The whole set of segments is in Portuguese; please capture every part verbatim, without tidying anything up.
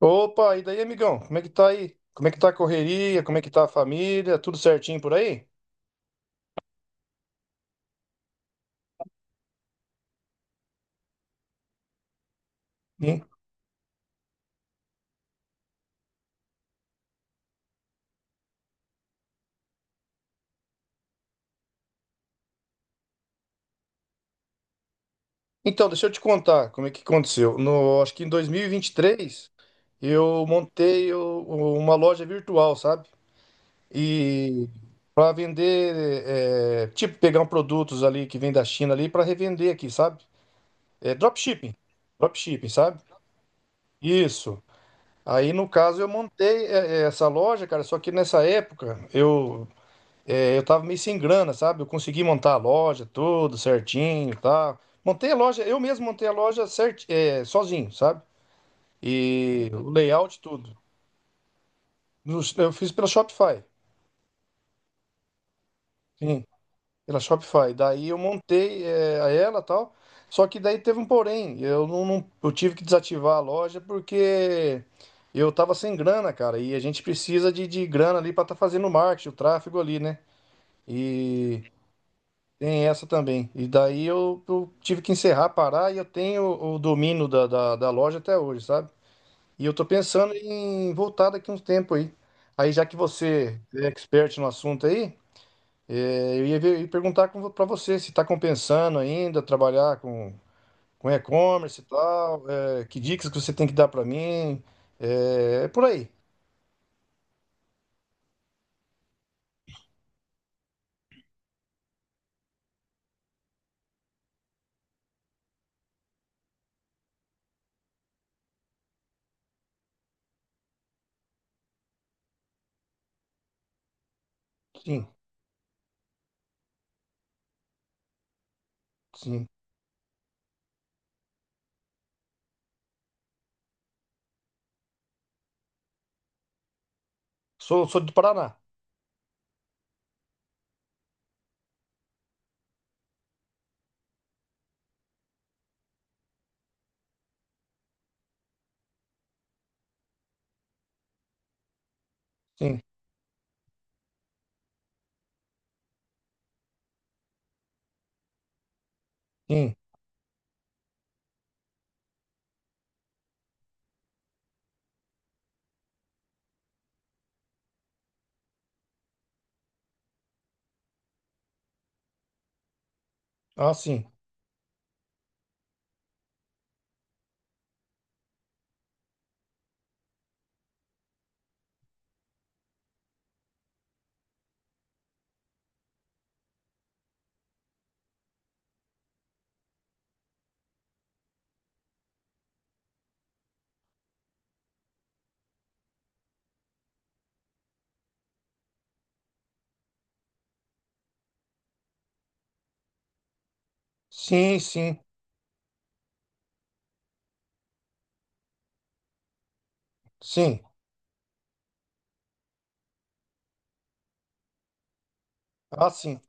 Opa, e daí, amigão? Como é que tá aí? Como é que tá a correria? Como é que tá a família? Tudo certinho por aí? Hum? Então, deixa eu te contar como é que aconteceu. No, acho que em dois mil e e vinte e três eu montei o- o- uma loja virtual, sabe? E para vender, é, tipo, pegar um produtos ali que vem da China ali para revender aqui, sabe? É dropshipping. Dropshipping, sabe? Isso. Aí, no caso, eu montei é, é, essa loja, cara, só que nessa época eu É, eu tava meio sem grana, sabe? Eu consegui montar a loja, tudo certinho e tal. Montei a loja, eu mesmo montei a loja cert, é, sozinho, sabe? E o layout, tudo. No- Eu fiz pela Shopify, sim, pela Shopify. Daí eu montei é, a ela e tal. Só que daí teve um porém. Eu não, não- eu tive que desativar a loja porque eu tava sem grana, cara. E a gente precisa de, de grana ali pra tá fazendo o marketing, o tráfego ali, né? E. Tem essa também. E daí eu, eu tive que encerrar, parar e eu tenho o domínio da, da, da loja até hoje, sabe? E eu tô pensando em voltar daqui uns tempo aí. Aí, já que você é expert no assunto aí, eh, eu ia, ver- ia perguntar com, pra você se tá compensando ainda trabalhar com, com e-commerce e tal, eh, que dicas que você tem que dar pra mim. eh, É, por aí. Sim, sim. Sou, sou do Paraná. Sim, sim. Ah, sim. Sim, sim, sim. Ah, sim.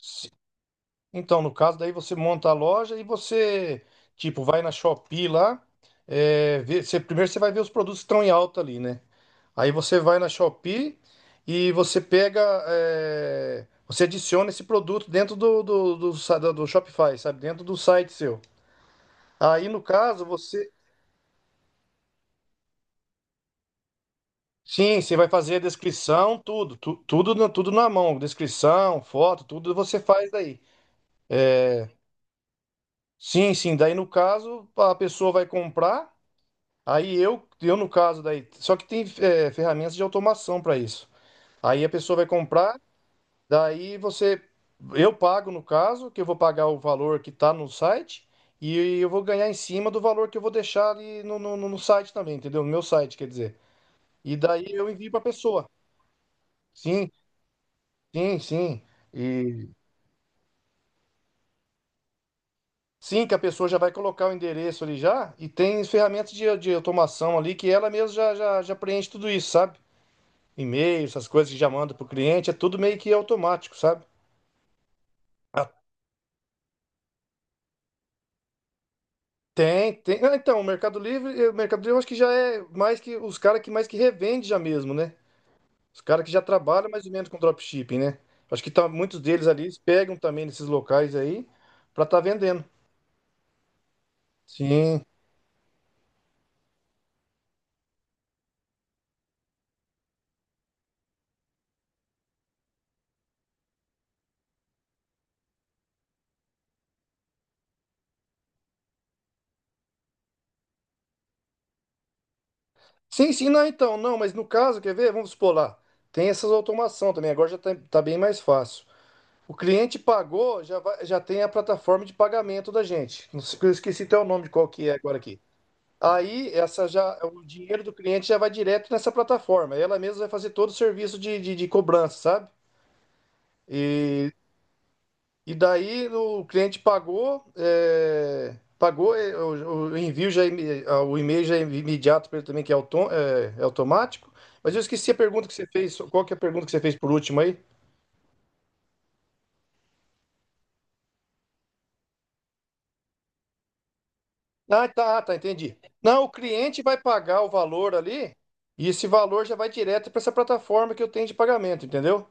Si, Então, no caso, daí você monta a loja e você, tipo, vai na Shopee lá, é, vê- você- primeiro você vai ver os produtos que estão em alta ali, né? Aí você vai na Shopee e você pega, é, você adiciona esse produto dentro do, do, do, sa- do- do Shopify, sabe? Dentro do site seu. Aí, no caso, você... Sim, você vai fazer a descrição, tudo, tu- tudo, na- tudo na mão, descrição, foto, tudo você faz daí. Sim, sim, daí no caso a pessoa vai comprar. Aí eu, eu no caso daí, só que tem é, ferramentas de automação para isso. Aí a pessoa vai comprar, daí você, eu pago no caso, que eu vou pagar o valor que está no site e eu vou ganhar em cima do valor que eu vou deixar ali no, no, no site também, entendeu? No meu site, quer dizer. E daí eu envio para a pessoa. Sim, sim, sim. E sim, que a pessoa já vai colocar o endereço ali já e tem ferramentas de, de automação ali que ela mesma já, já, já preenche tudo isso, sabe? E-mail, essas coisas que já manda pro cliente, é tudo meio que automático, sabe? Ah, tem, tem. Ah, então, o Mercado Livre, eh, o Mercado Livre eu acho que já é mais que os caras que mais que revende já mesmo, né? Os caras que já trabalham mais ou menos com dropshipping, né? Acho que tá, muitos deles ali eles pegam também nesses locais aí pra tá vendendo. Sim. Sim, sim, não, então, não, mas no caso, quer ver? Vamos supor lá. Tem essas automação também, agora já tá, tá bem mais fácil. O cliente pagou, já vai- já tem a plataforma de pagamento da gente. Não sei, eu esqueci até o nome de qual que é agora aqui. Aí essa já, o dinheiro do cliente já vai direto nessa plataforma. Ela mesma vai fazer todo o serviço de, de, de cobrança, sabe? E, e daí o cliente pagou, é, pagou é, o, o envio já é imi- ah, o e-mail já é imediato para ele também que é, autom, é, é automático. Mas eu esqueci a pergunta que você fez. Qual que é a pergunta que você fez por último aí? Ah, tá, tá, entendi. Não, o cliente vai pagar o valor ali. E esse valor já vai direto para essa plataforma que eu tenho de pagamento, entendeu?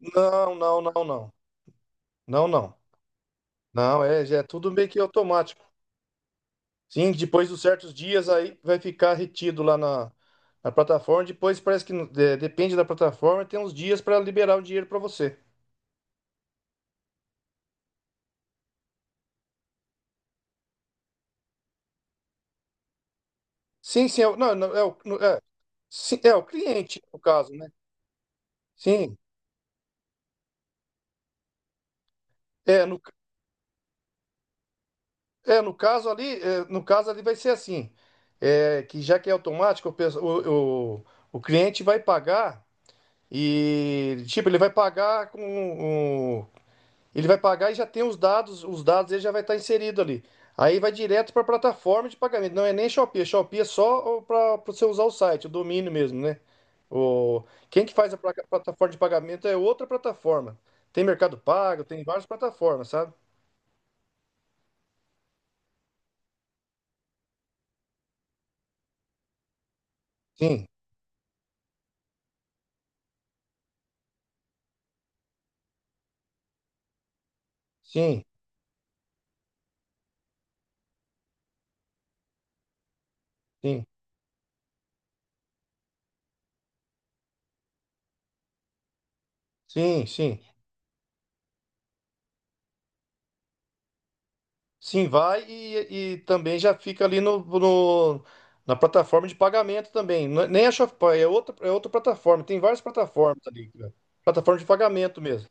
Não, não, não, não. Não, não. Não, é, já é tudo meio que automático. Sim, depois dos certos dias aí vai ficar retido lá na, na plataforma. Depois parece que não- de- depende da plataforma, tem uns dias para liberar o dinheiro para você. Sim, sim, é, o- não, não, é, o, no- é, sim, é o cliente no caso, né? Sim, é no, é no caso ali, é, no caso ali vai ser assim, é, que já que é automático, o, pesso- o, o, o cliente vai pagar e tipo ele vai pagar com. Ele vai pagar e já tem os dados, os dados ele já vai estar inserido ali. Aí vai direto para a plataforma de pagamento. Não é nem Shopee, é Shopee é só para você usar o site, o domínio mesmo, né? O, Quem que faz a placa- plataforma de pagamento é outra plataforma. Tem Mercado Pago, tem várias plataformas, sabe? Sim, sim, sim, sim, sim. Sim, vai e, e também já fica ali no, no- na plataforma de pagamento também. Não é- Nem a Shopee, é outra, é outra plataforma. Tem várias plataformas ali, cara. Plataforma de pagamento mesmo.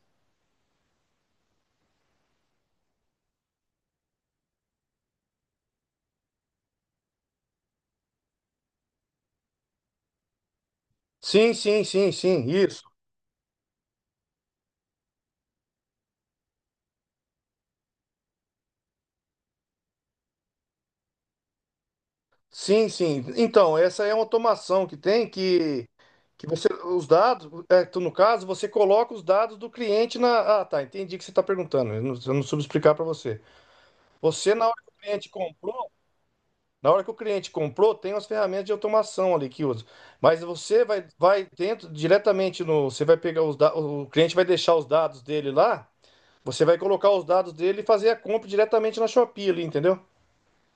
Sim, sim, sim, sim, isso. Sim, sim. Então, essa é uma automação que tem que, que você, os dados, é, tu, no caso, você coloca os dados do cliente na. Ah, tá, entendi o que você está perguntando. Eu não, eu não soube explicar para você. Você, na hora que o cliente comprou, na hora que o cliente comprou, tem as ferramentas de automação ali que usa. Mas você vai, vai dentro diretamente no. Você vai pegar os dados. O cliente vai deixar os dados dele lá. Você vai colocar os dados dele e fazer a compra diretamente na Shopee ali, entendeu?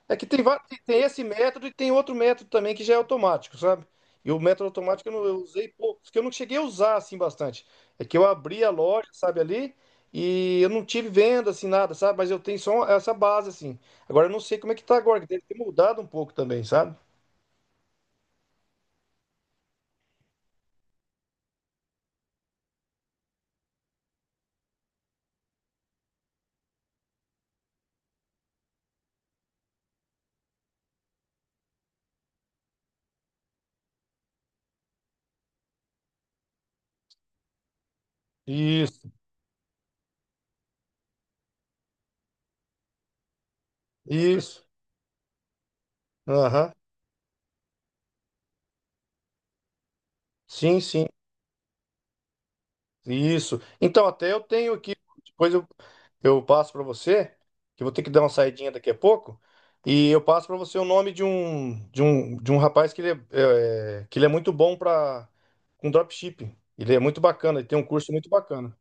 É que tem, va- tem tem esse método e tem outro método também que já é automático, sabe? E o método automático eu, não, eu usei pouco porque eu não cheguei a usar assim bastante. É que eu abri a loja, sabe, ali, e eu não tive venda assim nada, sabe? Mas eu tenho só essa base assim. Agora eu não sei como é que tá agora, que deve ter mudado um pouco também, sabe? Isso, isso. Aham. Sim, sim. Isso. Então, até eu tenho aqui, depois eu, eu passo para você, que eu vou ter que dar uma saidinha daqui a pouco, e eu passo para você o nome de um, de um, de um rapaz que ele é, é, que ele é muito bom para com dropshipping. Ele é muito bacana, ele tem um curso muito bacana.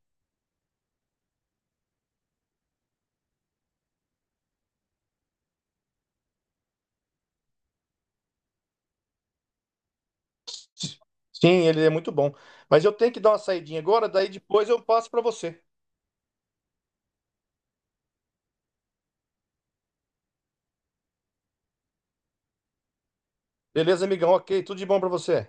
Sim, ele é muito bom. Mas eu tenho que dar uma saidinha agora, daí depois eu passo para você. Beleza, amigão? Ok, tudo de bom para você.